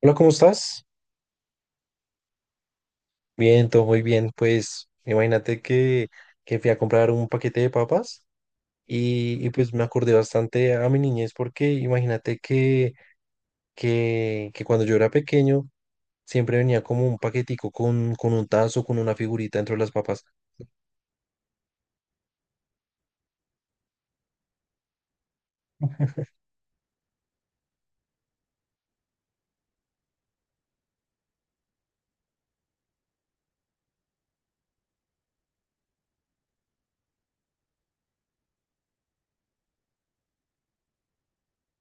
Hola, ¿cómo estás? Bien, todo muy bien. Pues imagínate que fui a comprar un paquete de papas pues me acordé bastante a mi niñez porque imagínate que cuando yo era pequeño siempre venía como un paquetico con un tazo, con una figurita dentro de las papas.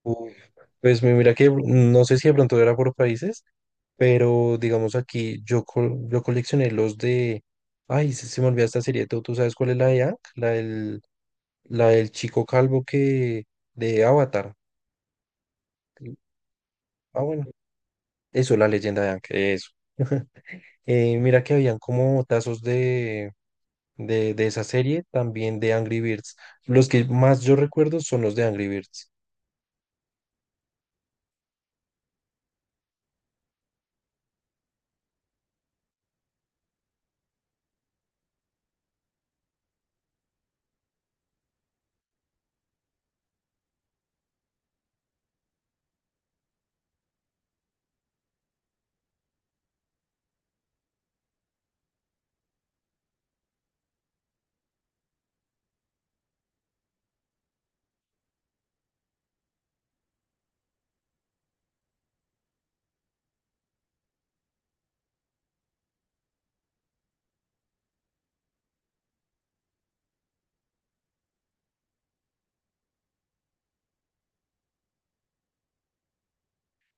Uf, Pues mira que no sé si de pronto era por países, pero digamos aquí yo, yo coleccioné los de... Ay, se me olvidó esta serie. Tú sabes cuál es la de Hank? La del chico calvo que de Avatar. Ah, bueno. Eso, la leyenda de Aang, eso. Mira que habían como tazos de esa serie, también de Angry Birds. Los que más yo recuerdo son los de Angry Birds.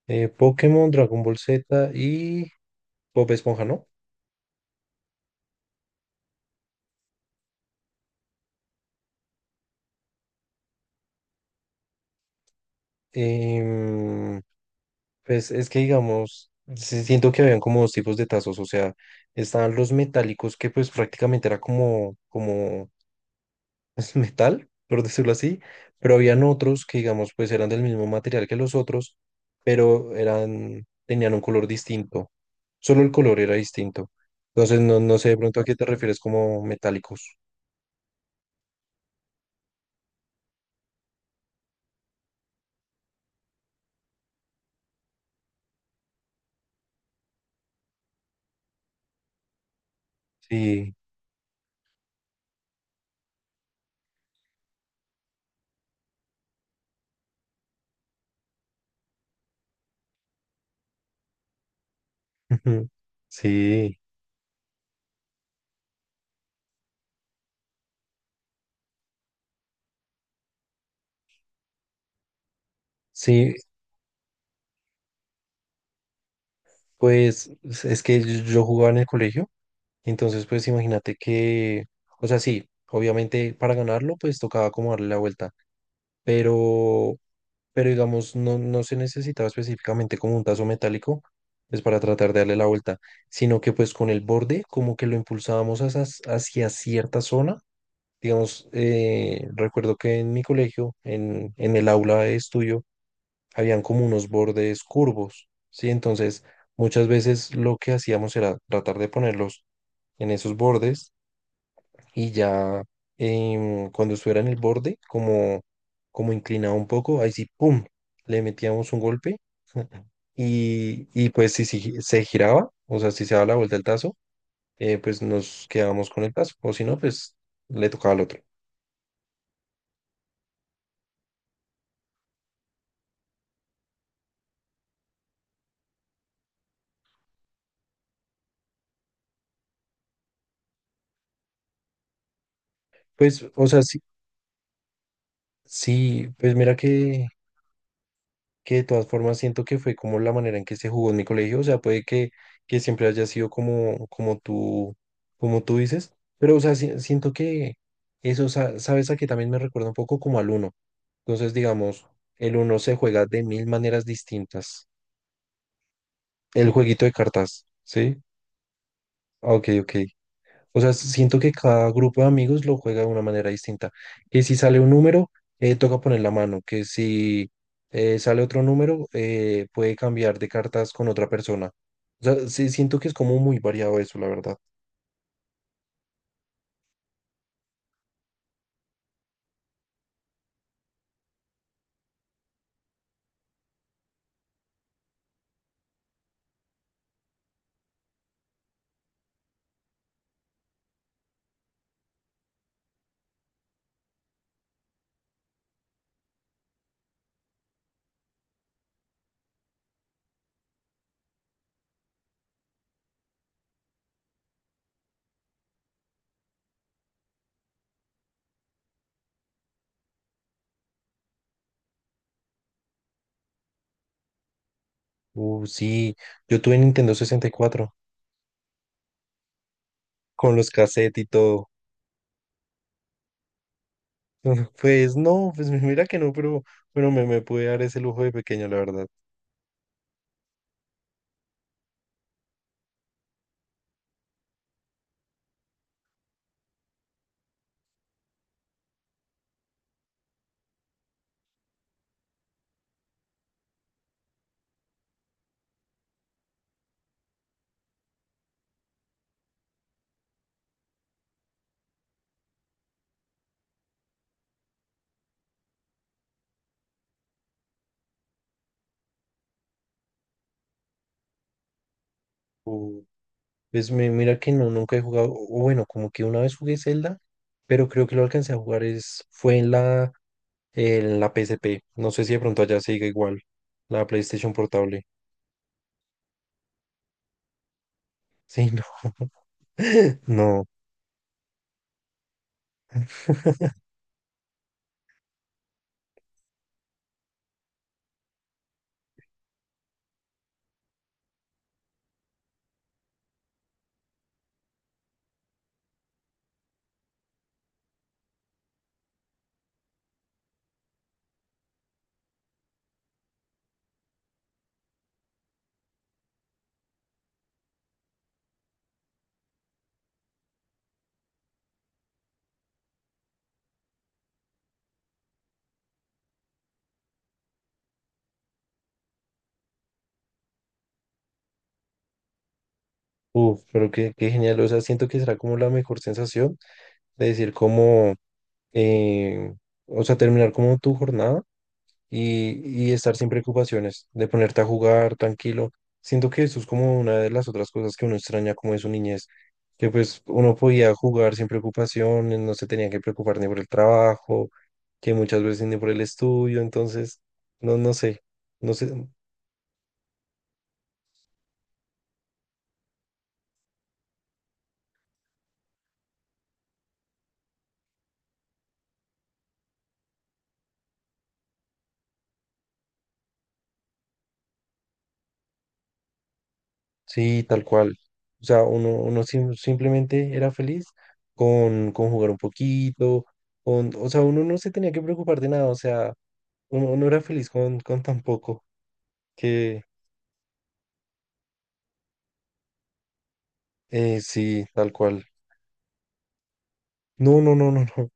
Pokémon, Dragon Ball Z y Bob Esponja, ¿no? Em, pues es que digamos, sí siento que habían como dos tipos de tazos, o sea, estaban los metálicos que pues prácticamente era como es metal, por decirlo así, pero habían otros que, digamos, pues eran del mismo material que los otros, pero eran, tenían un color distinto. Solo el color era distinto. Entonces, no sé de pronto a qué te refieres como metálicos. Sí, sí, sí, pues es que yo jugaba en el colegio, entonces pues imagínate que, o sea, sí, obviamente para ganarlo pues tocaba como darle la vuelta, pero pero digamos, no se necesitaba específicamente como un tazo metálico, pues para tratar de darle la vuelta, sino que pues con el borde como que lo impulsábamos hacia, hacia cierta zona. Digamos, recuerdo que en mi colegio, en el aula de estudio, habían como unos bordes curvos, ¿sí? Entonces, muchas veces lo que hacíamos era tratar de ponerlos en esos bordes y ya cuando estuviera en el borde, como, como inclinado un poco, ahí sí, ¡pum! Le metíamos un golpe y pues si se giraba, o sea, si se daba la vuelta el tazo, pues nos quedábamos con el tazo, o si no, pues le tocaba al otro. Pues, o sea, sí, sí, pues mira que de todas formas siento que fue como la manera en que se jugó en mi colegio, o sea, puede que siempre haya sido como, como tú dices, pero o sea, siento que eso, sabes, a que también me recuerda un poco como al uno, entonces digamos, el uno se juega de mil maneras distintas, el jueguito de cartas, ¿sí? Ah, Ok, ok. O sea, siento que cada grupo de amigos lo juega de una manera distinta. Que si sale un número, toca poner la mano. Que si sale otro número, puede cambiar de cartas con otra persona. O sea, sí, siento que es como muy variado eso, la verdad. Sí, yo tuve Nintendo 64 con los cassettes y todo. Pues no, pues mira que no, pero bueno, me pude dar ese lujo de pequeño, la verdad. Uh. Pues mira que no, nunca he jugado, o bueno, como que una vez jugué Zelda, pero creo que lo alcancé a jugar es, fue en la P S P No sé si de pronto allá sigue igual, la PlayStation Portable. Sí, no, no, uf, pero qué, qué genial. O sea, siento que será como la mejor sensación de decir como, eh, o sea, terminar como tu jornada y estar sin preocupaciones, de ponerte a jugar tranquilo. Siento que eso es como una de las otras cosas que uno extraña como de su niñez, que pues uno podía jugar sin preocupaciones, no se tenía que preocupar ni por el trabajo, que muchas veces ni por el estudio, entonces, no sé, no sé, sí, tal cual. O sea, uno, uno simplemente era feliz con jugar un poquito, con, o sea, uno no se tenía que preocupar de nada, o sea, uno, uno era feliz con tan poco que, sí, tal cual. No, no, no, no, no.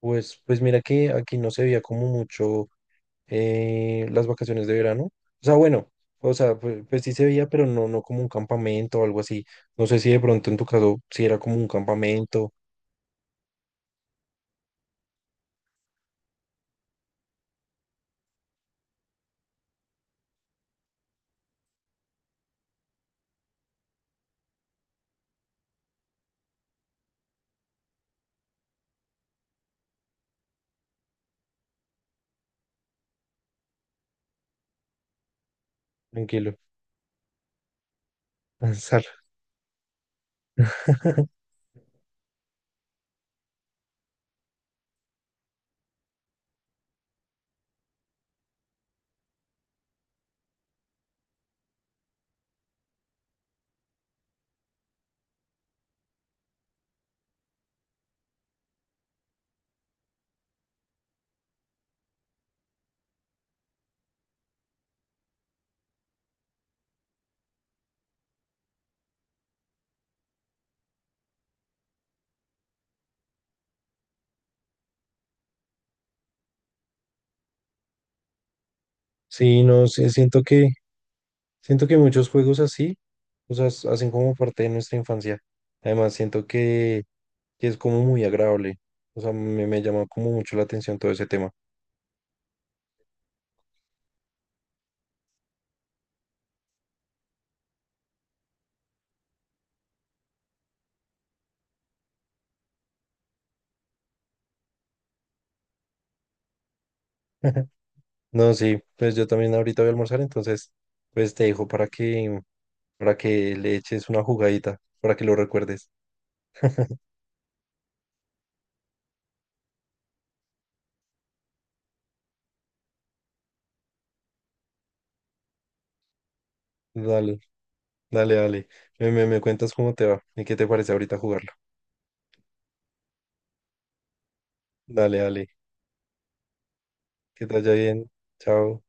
Pues, pues mira que aquí no se veía como mucho las vacaciones de verano. O sea, bueno, o sea, pues, pues sí se veía, pero no, no como un campamento o algo así. No sé si de pronto en tu caso sí era como un campamento. Tranquilo. Pensar. Sí, no, sí, siento que muchos juegos así, o sea, hacen como parte de nuestra infancia. Además, siento que es como muy agradable. O sea, me llama como mucho la atención todo ese tema. No, sí, pues yo también ahorita voy a almorzar, entonces pues te dejo para que le eches una jugadita, para que lo recuerdes. Dale, dale, dale. Me cuentas cómo te va y qué te parece ahorita jugarlo. Dale, dale. Que te vaya bien. Chao.